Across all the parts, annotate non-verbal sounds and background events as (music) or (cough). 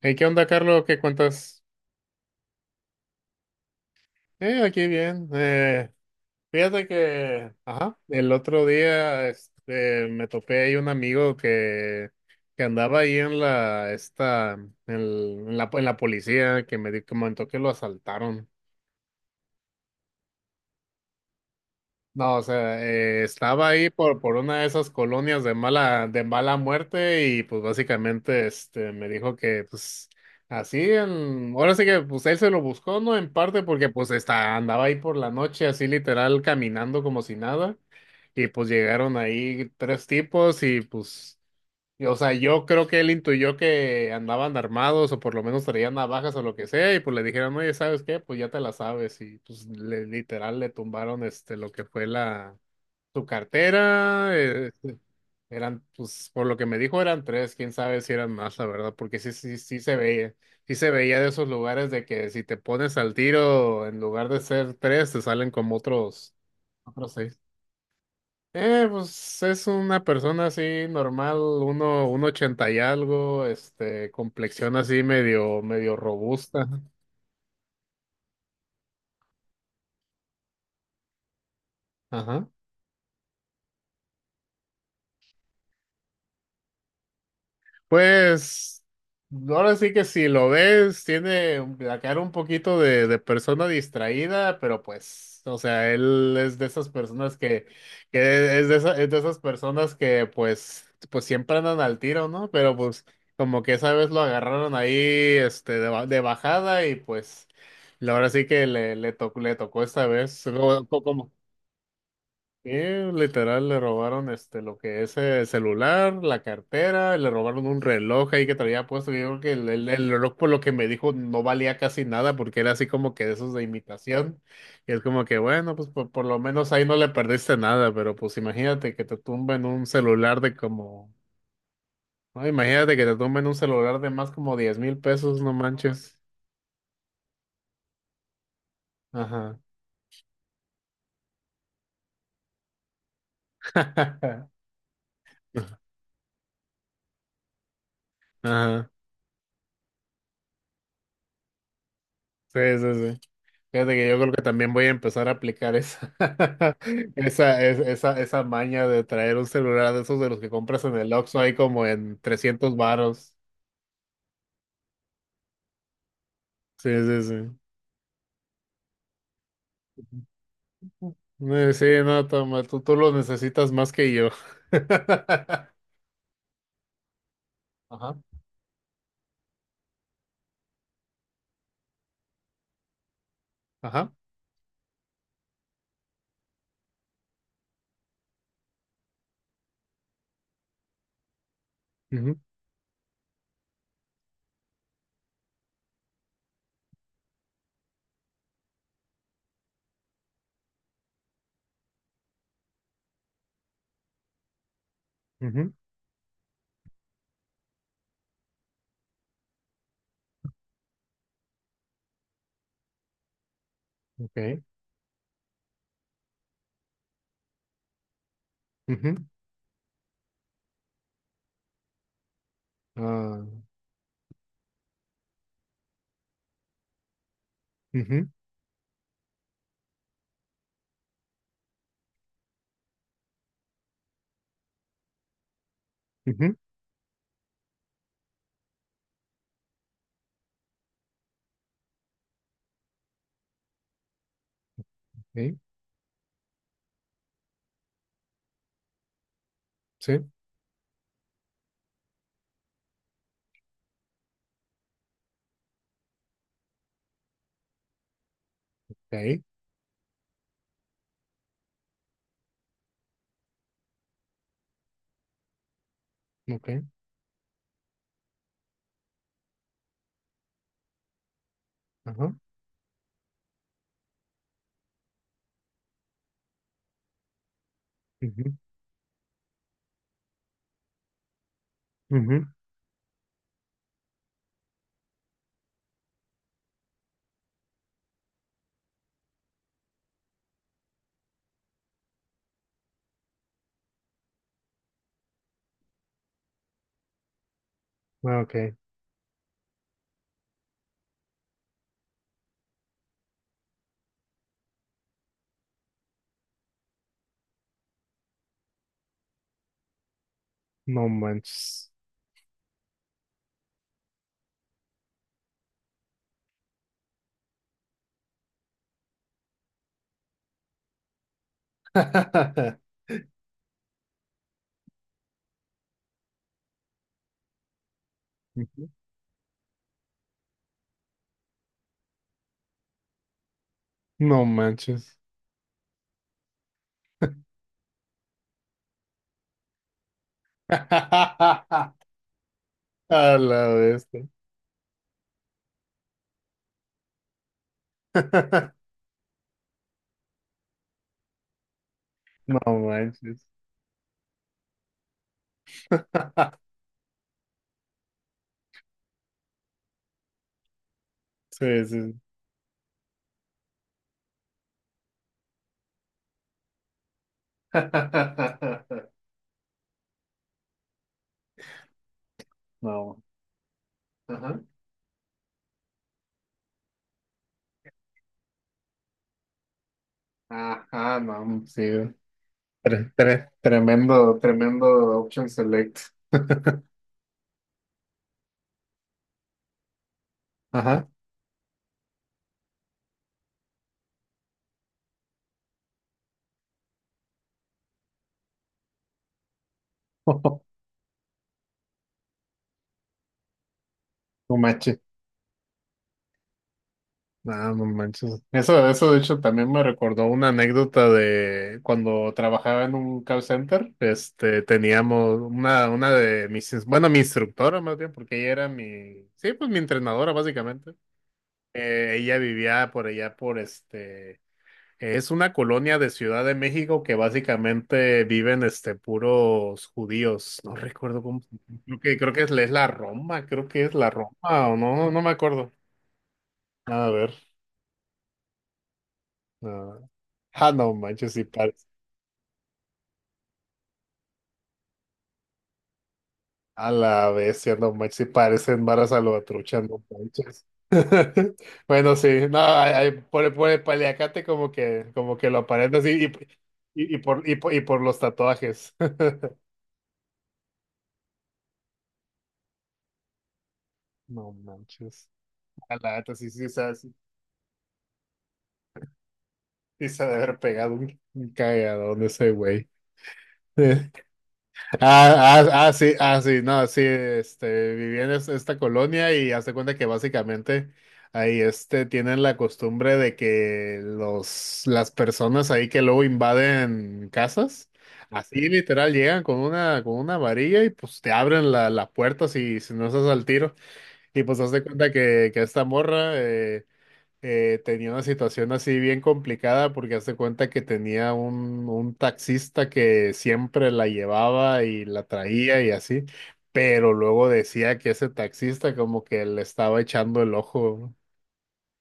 Hey, ¿qué onda, Carlos? ¿Qué cuentas? Aquí bien. Fíjate que, ajá, el otro día me topé ahí un amigo que andaba ahí en la, esta, en, el- en la policía, que comentó que lo asaltaron. No, o sea, estaba ahí por una de esas colonias de mala muerte y pues básicamente me dijo que pues así, ahora sí que pues él se lo buscó, ¿no? En parte porque pues andaba ahí por la noche así literal caminando como si nada y pues llegaron ahí tres tipos o sea, yo creo que él intuyó que andaban armados o por lo menos traían navajas o lo que sea y pues le dijeron, oye, ¿sabes qué? Pues ya te la sabes y pues literal le tumbaron lo que fue la su cartera. Pues, por lo que me dijo eran tres, quién sabe si eran más, la verdad, porque sí se veía, sí se veía de esos lugares de que si te pones al tiro, en lugar de ser tres, te salen como otros seis. Pues es una persona así normal, un ochenta y algo, complexión así medio robusta. Ajá. Pues ahora sí que si lo ves, tiene la cara un poquito de persona distraída, pero pues, o sea, él es de esas personas que es de esas personas que pues, pues siempre andan al tiro, ¿no? Pero pues como que esa vez lo agarraron ahí, de bajada y pues, ahora sí que le tocó esta vez, literal, le robaron lo que es el celular, la cartera, le robaron un reloj ahí que traía puesto. Yo creo que el reloj, por lo que me dijo, no valía casi nada porque era así como que de esos de imitación. Y es como que, bueno, pues por lo menos ahí no le perdiste nada, pero pues imagínate que te tumben un celular no, imagínate que te tumben un celular de más como 10,000 pesos, no manches. Ajá. (laughs) Ajá. Sí, sí, sí. Fíjate que yo creo que también voy a empezar a aplicar (laughs) esa maña de traer un celular de esos de los que compras en el Oxxo ahí como en 300 varos. Sí, sí, sí. Sí, no, toma, tú lo necesitas más que yo. (laughs) Ajá, ajá. Ujú, ujú. Ok. Ujú. Ah. Ujú, ujú. Ok, sí. Ok. Ok. Ajá. Ujú, ujú. Ah, ok. No manches. (laughs) No manches. (laughs) A la bestia. (laughs) No manches. (laughs) Sí, sí, sí. (laughs) No. Ajá. Ajá, no, sí. Tremendo option select. Ajá. (laughs) No manches. No, no manches. Eso de hecho también me recordó una anécdota de cuando trabajaba en un call center, teníamos una de mis, ins- bueno, mi instructora más bien, porque ella era sí, pues mi entrenadora básicamente. Ella vivía por allá es una colonia de Ciudad de México que básicamente viven puros judíos. No recuerdo cómo, creo que es la Roma, creo que es la Roma o no, no me acuerdo. A ver. Ah, no manches, si parece. A la bestia, no manches, si parecen varas a lo trucha, no manches. (laughs) Bueno, sí, no, por el paliacate como que lo aparenta así, y por los tatuajes. (laughs) No manches. A la neta, sí, sí, se ha de haber pegado un cagadón ese güey. (laughs) Sí, sí, no, sí, viví en esta colonia y hazte cuenta que básicamente ahí, tienen la costumbre de que las personas ahí que luego invaden casas, así literal llegan con con una varilla y pues te abren la puerta si no estás al tiro. Y pues hazte cuenta que esta morra, tenía una situación así bien complicada porque hace cuenta que tenía un taxista que siempre la llevaba y la traía y así, pero luego decía que ese taxista como que le estaba echando el ojo.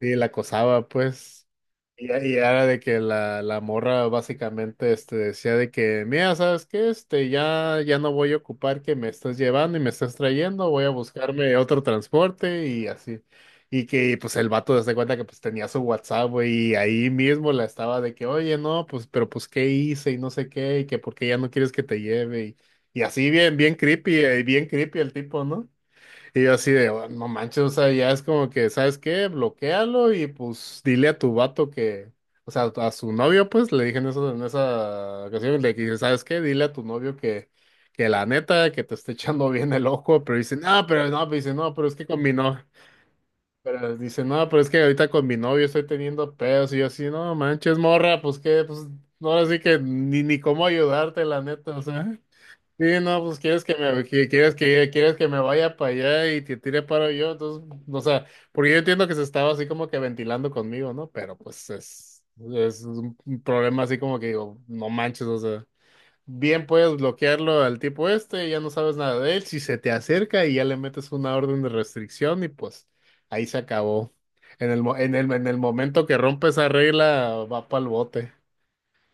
Y la acosaba, pues. Y era de que la morra básicamente decía de que, mira, ¿sabes qué? Ya no voy a ocupar que me estás llevando y me estás trayendo, voy a buscarme otro transporte y así. Y que pues el vato se da cuenta que pues tenía su WhatsApp, güey, y ahí mismo la estaba de que, oye, no, pues, pero pues, ¿qué hice? Y no sé qué, y que por qué ya no quieres que te lleve. Y así bien creepy el tipo, ¿no? Y yo así de, "Oh, no manches, o sea, ya es como que, ¿sabes qué? Bloquéalo y pues dile a tu vato que, o sea, a su novio, pues le dije en eso, en esa ocasión, le dije, ¿sabes qué? Dile a tu novio que la neta, que te está echando bien el ojo, pero dice, no, pero no, pero dice, no, pero es que con mi no, pero dice, no, pero es que ahorita con mi novio estoy teniendo pedos y yo así, no manches, morra, pues qué, pues, no, ahora sí que ni cómo ayudarte, la neta, o sea. Sí, no, pues quieres que me vaya para allá y te tire paro yo, entonces, o sea, porque yo entiendo que se estaba así como que ventilando conmigo, ¿no? Pero pues es un problema así como que digo, no manches, o sea, bien puedes bloquearlo al tipo este, ya no sabes nada de él, si se te acerca y ya le metes una orden de restricción y pues ahí se acabó. En el, mo- en el momento que rompe esa regla, va para el bote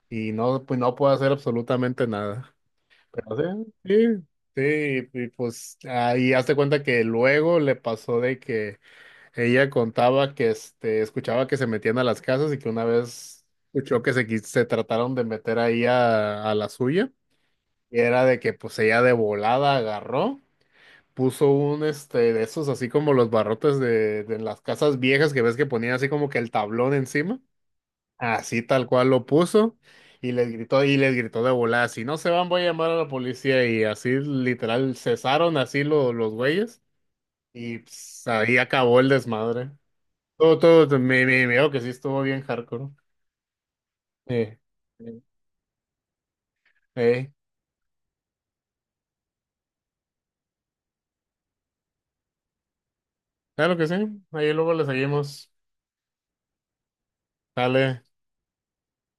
y no, pues no puede hacer absolutamente nada. Pero sí, sí, sí, y pues ahí hazte cuenta que luego le pasó de que ella contaba que escuchaba que se metían a las casas y que una vez escuchó que se trataron de meter ahí a la suya. Y era de que pues ella de volada agarró, puso un de esos así como los barrotes de las casas viejas que ves que ponían así como que el tablón encima. Así tal cual lo puso y les gritó de volada, si no se van voy a llamar a la policía y así literal cesaron así los güeyes y pues, ahí acabó el desmadre. Veo que sí estuvo bien hardcore. Eh, eh, eh, claro que sí, ahí luego le seguimos. Dale.